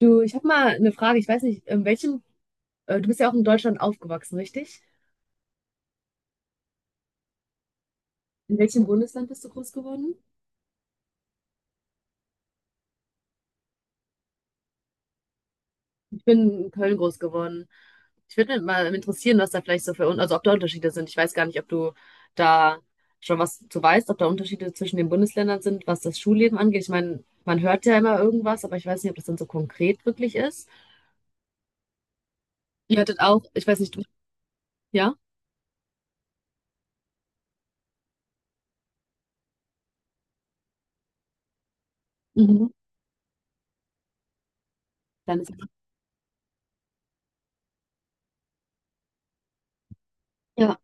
Du, ich habe mal eine Frage. Ich weiß nicht, in welchem, du bist ja auch in Deutschland aufgewachsen, richtig? In welchem Bundesland bist du groß geworden? Ich bin in Köln groß geworden. Ich würde mal interessieren, was da vielleicht so für, also ob da Unterschiede sind. Ich weiß gar nicht, ob du da schon was zu weißt, ob da Unterschiede zwischen den Bundesländern sind, was das Schulleben angeht. Ich meine, man hört ja immer irgendwas, aber ich weiß nicht, ob das dann so konkret wirklich ist. Ihr hattet auch, ich weiß nicht, du, ja? Mhm. Dann ist, ja.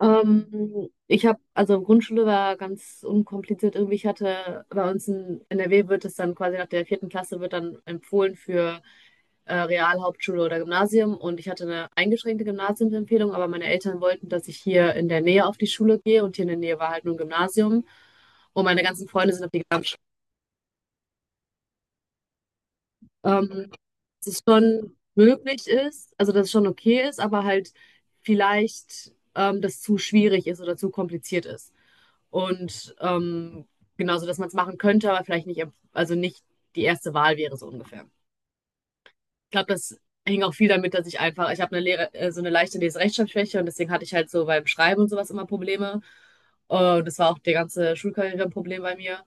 Ich habe, also Grundschule war ganz unkompliziert irgendwie. Ich hatte bei uns in NRW wird es dann quasi nach der vierten Klasse wird dann empfohlen für Real, Hauptschule oder Gymnasium. Und ich hatte eine eingeschränkte Gymnasiumsempfehlung, aber meine Eltern wollten, dass ich hier in der Nähe auf die Schule gehe und hier in der Nähe war halt nur ein Gymnasium. Und meine ganzen Freunde sind auf die Gesamtschule. Dass es schon möglich ist, also dass es schon okay ist, aber halt vielleicht das zu schwierig ist oder zu kompliziert ist. Und genauso, dass man es machen könnte, aber vielleicht nicht, also nicht die erste Wahl wäre so ungefähr. Ich glaube, das hing auch viel damit, dass ich einfach, ich habe eine Lehre, so eine leichte Leserechtschreibschwäche und deswegen hatte ich halt so beim Schreiben und sowas immer Probleme. Und das war auch die ganze Schulkarriere ein Problem bei mir.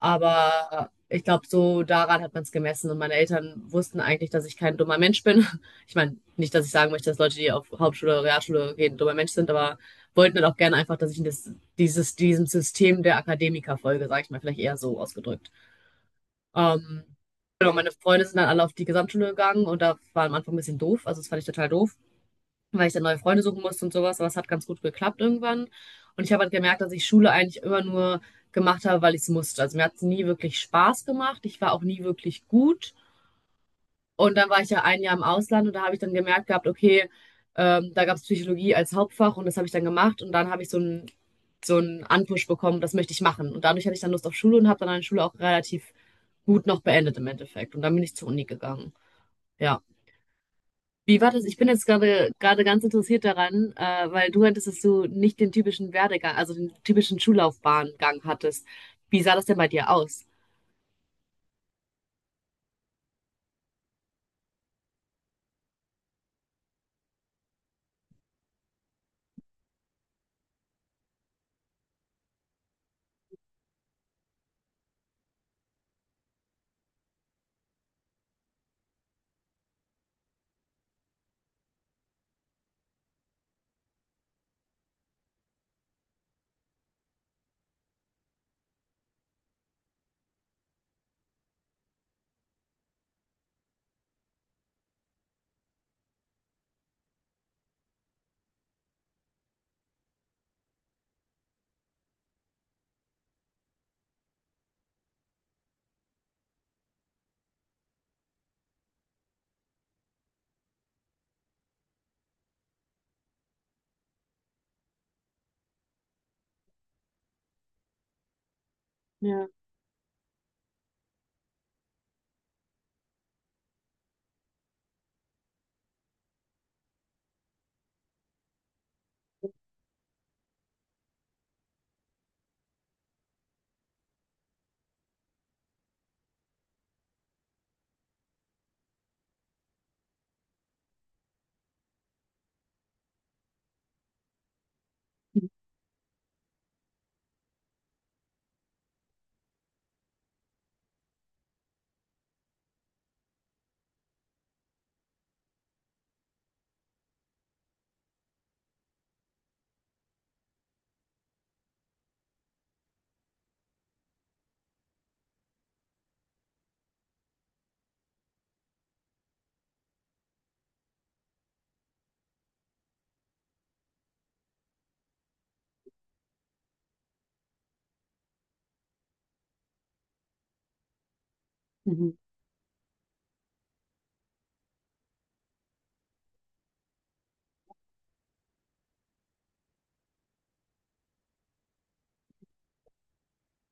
Aber ich glaube, so daran hat man es gemessen. Und meine Eltern wussten eigentlich, dass ich kein dummer Mensch bin. Ich meine, nicht, dass ich sagen möchte, dass Leute, die auf Hauptschule, Realschule gehen, ein dummer Mensch sind, aber wollten dann auch gerne einfach, dass ich in das, dieses, diesem System der Akademiker folge, sage ich mal, vielleicht eher so ausgedrückt. Ähm, genau, meine Freunde sind dann alle auf die Gesamtschule gegangen und da war am Anfang ein bisschen doof. Also das fand ich total doof, weil ich dann neue Freunde suchen musste und sowas, aber es hat ganz gut geklappt irgendwann. Und ich habe halt gemerkt, dass ich Schule eigentlich immer nur gemacht habe, weil ich es musste. Also mir hat es nie wirklich Spaß gemacht. Ich war auch nie wirklich gut. Und dann war ich ja ein Jahr im Ausland und da habe ich dann gemerkt gehabt, okay, da gab es Psychologie als Hauptfach und das habe ich dann gemacht und dann habe ich so einen Anpush bekommen, das möchte ich machen. Und dadurch hatte ich dann Lust auf Schule und habe dann meine Schule auch relativ gut noch beendet im Endeffekt. Und dann bin ich zur Uni gegangen. Ja. Wie war das? Ich bin jetzt gerade ganz interessiert daran, weil du hattest, dass du nicht den typischen Werdegang, also den typischen Schullaufbahngang hattest. Wie sah das denn bei dir aus? Ja, mhm.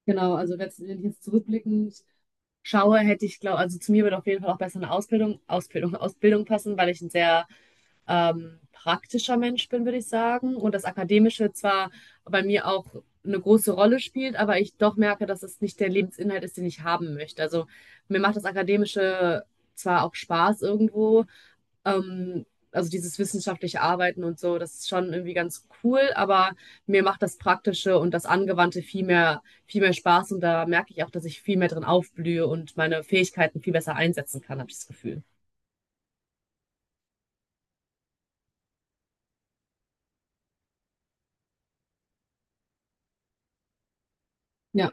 Genau. Wenn ich jetzt zurückblickend schaue, hätte ich glaube, also zu mir würde auf jeden Fall auch besser eine Ausbildung passen, weil ich ein sehr praktischer Mensch bin, würde ich sagen. Und das Akademische zwar bei mir auch eine große Rolle spielt, aber ich doch merke, dass es nicht der Lebensinhalt ist, den ich haben möchte. Also mir macht das Akademische zwar auch Spaß irgendwo, also dieses wissenschaftliche Arbeiten und so, das ist schon irgendwie ganz cool, aber mir macht das Praktische und das Angewandte viel mehr Spaß und da merke ich auch, dass ich viel mehr drin aufblühe und meine Fähigkeiten viel besser einsetzen kann, habe ich das Gefühl. Ja.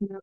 Ja.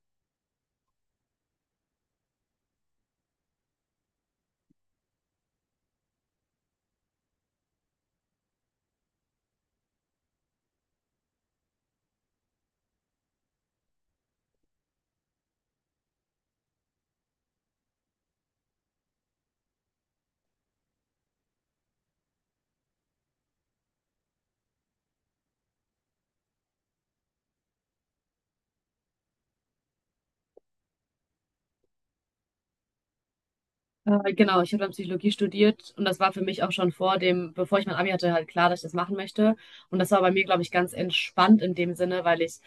Genau, ich habe dann Psychologie studiert und das war für mich auch schon vor dem, bevor ich mein Abi hatte, halt klar, dass ich das machen möchte. Und das war bei mir, glaube ich, ganz entspannt in dem Sinne, weil ich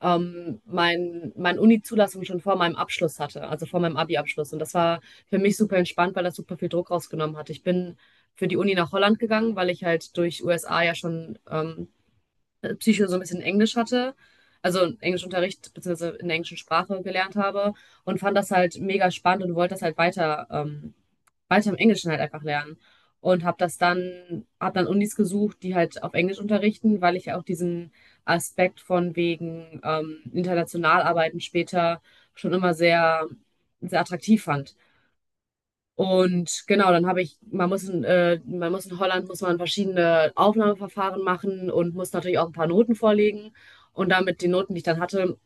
meine Uni-Zulassung schon vor meinem Abschluss hatte, also vor meinem Abi-Abschluss. Und das war für mich super entspannt, weil das super viel Druck rausgenommen hat. Ich bin für die Uni nach Holland gegangen, weil ich halt durch USA ja schon Psycho so ein bisschen Englisch hatte, also einen Englischunterricht beziehungsweise in der englischen Sprache gelernt habe und fand das halt mega spannend und wollte das halt weiter, weiter im Englischen halt einfach lernen. Und habe dann Unis gesucht, die halt auf Englisch unterrichten, weil ich ja auch diesen Aspekt von wegen international arbeiten später schon immer sehr attraktiv fand. Und genau, man muss man muss in Holland, muss man verschiedene Aufnahmeverfahren machen und muss natürlich auch ein paar Noten vorlegen. Und damit die Noten, die ich dann hatte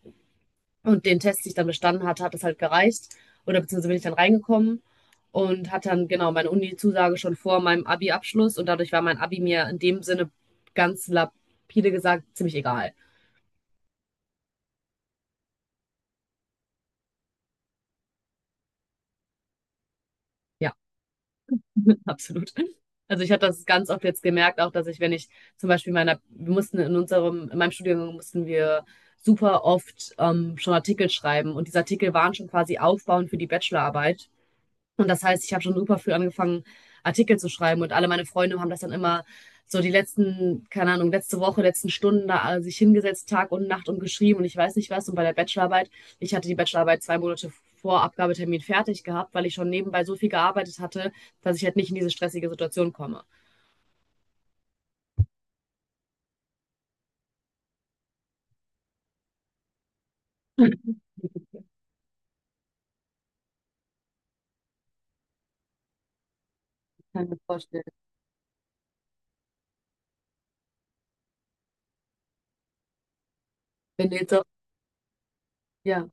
und den Test, den ich dann bestanden hatte, hat das halt gereicht. Oder beziehungsweise bin ich dann reingekommen und hatte dann genau meine Uni-Zusage schon vor meinem Abi-Abschluss. Und dadurch war mein Abi mir in dem Sinne ganz lapide gesagt ziemlich egal. Ja. Absolut. Also ich habe das ganz oft jetzt gemerkt, auch dass ich, wenn ich zum Beispiel meiner, wir mussten in unserem, in meinem Studium mussten wir super oft schon Artikel schreiben und diese Artikel waren schon quasi aufbauend für die Bachelorarbeit. Und das heißt, ich habe schon super früh angefangen, Artikel zu schreiben und alle meine Freunde haben das dann immer so die letzten, keine Ahnung, letzte Woche, letzten Stunden da sich hingesetzt, Tag und Nacht und geschrieben und ich weiß nicht was. Und bei der Bachelorarbeit, ich hatte die Bachelorarbeit zwei Monate vor Abgabetermin fertig gehabt, weil ich schon nebenbei so viel gearbeitet hatte, dass ich halt nicht in diese stressige Situation komme. Ich kann mir vorstellen. Wenn du jetzt auch, ja.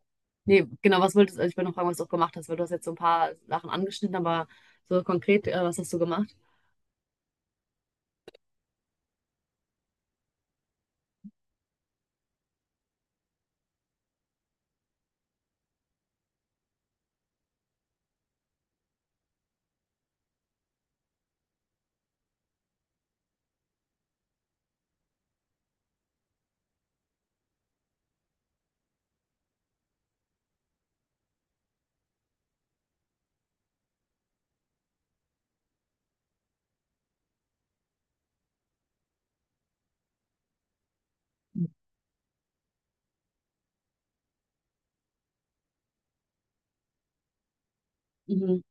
Nee, genau, was wolltest du, ich wollte noch fragen, was du auch gemacht hast, weil du hast jetzt so ein paar Sachen angeschnitten, aber so konkret, was hast du gemacht? Mhm.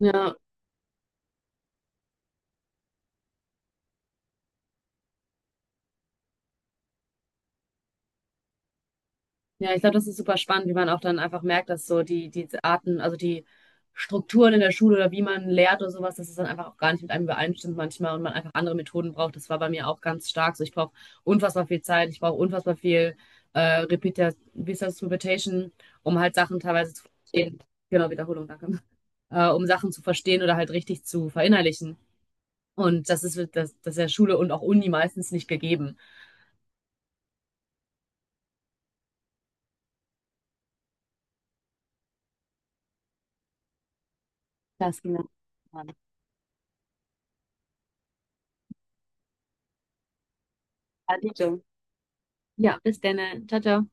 Ja, ja, ich glaube, das ist super spannend, wie man auch dann einfach merkt, dass so die Arten, also die Strukturen in der Schule oder wie man lehrt oder sowas, dass es dann einfach auch gar nicht mit einem übereinstimmt manchmal und man einfach andere Methoden braucht. Das war bei mir auch ganz stark so. Ich brauche unfassbar viel Zeit, ich brauche unfassbar viel äh, Repeat, wie ist das, Repetition, um halt Sachen teilweise zu verstehen. Genau, Wiederholung, danke. Um Sachen zu verstehen oder halt richtig zu verinnerlichen. Und das ist der Schule und auch Uni meistens nicht gegeben. Das genau. Adito. Ja, bis dann. Ciao, ciao.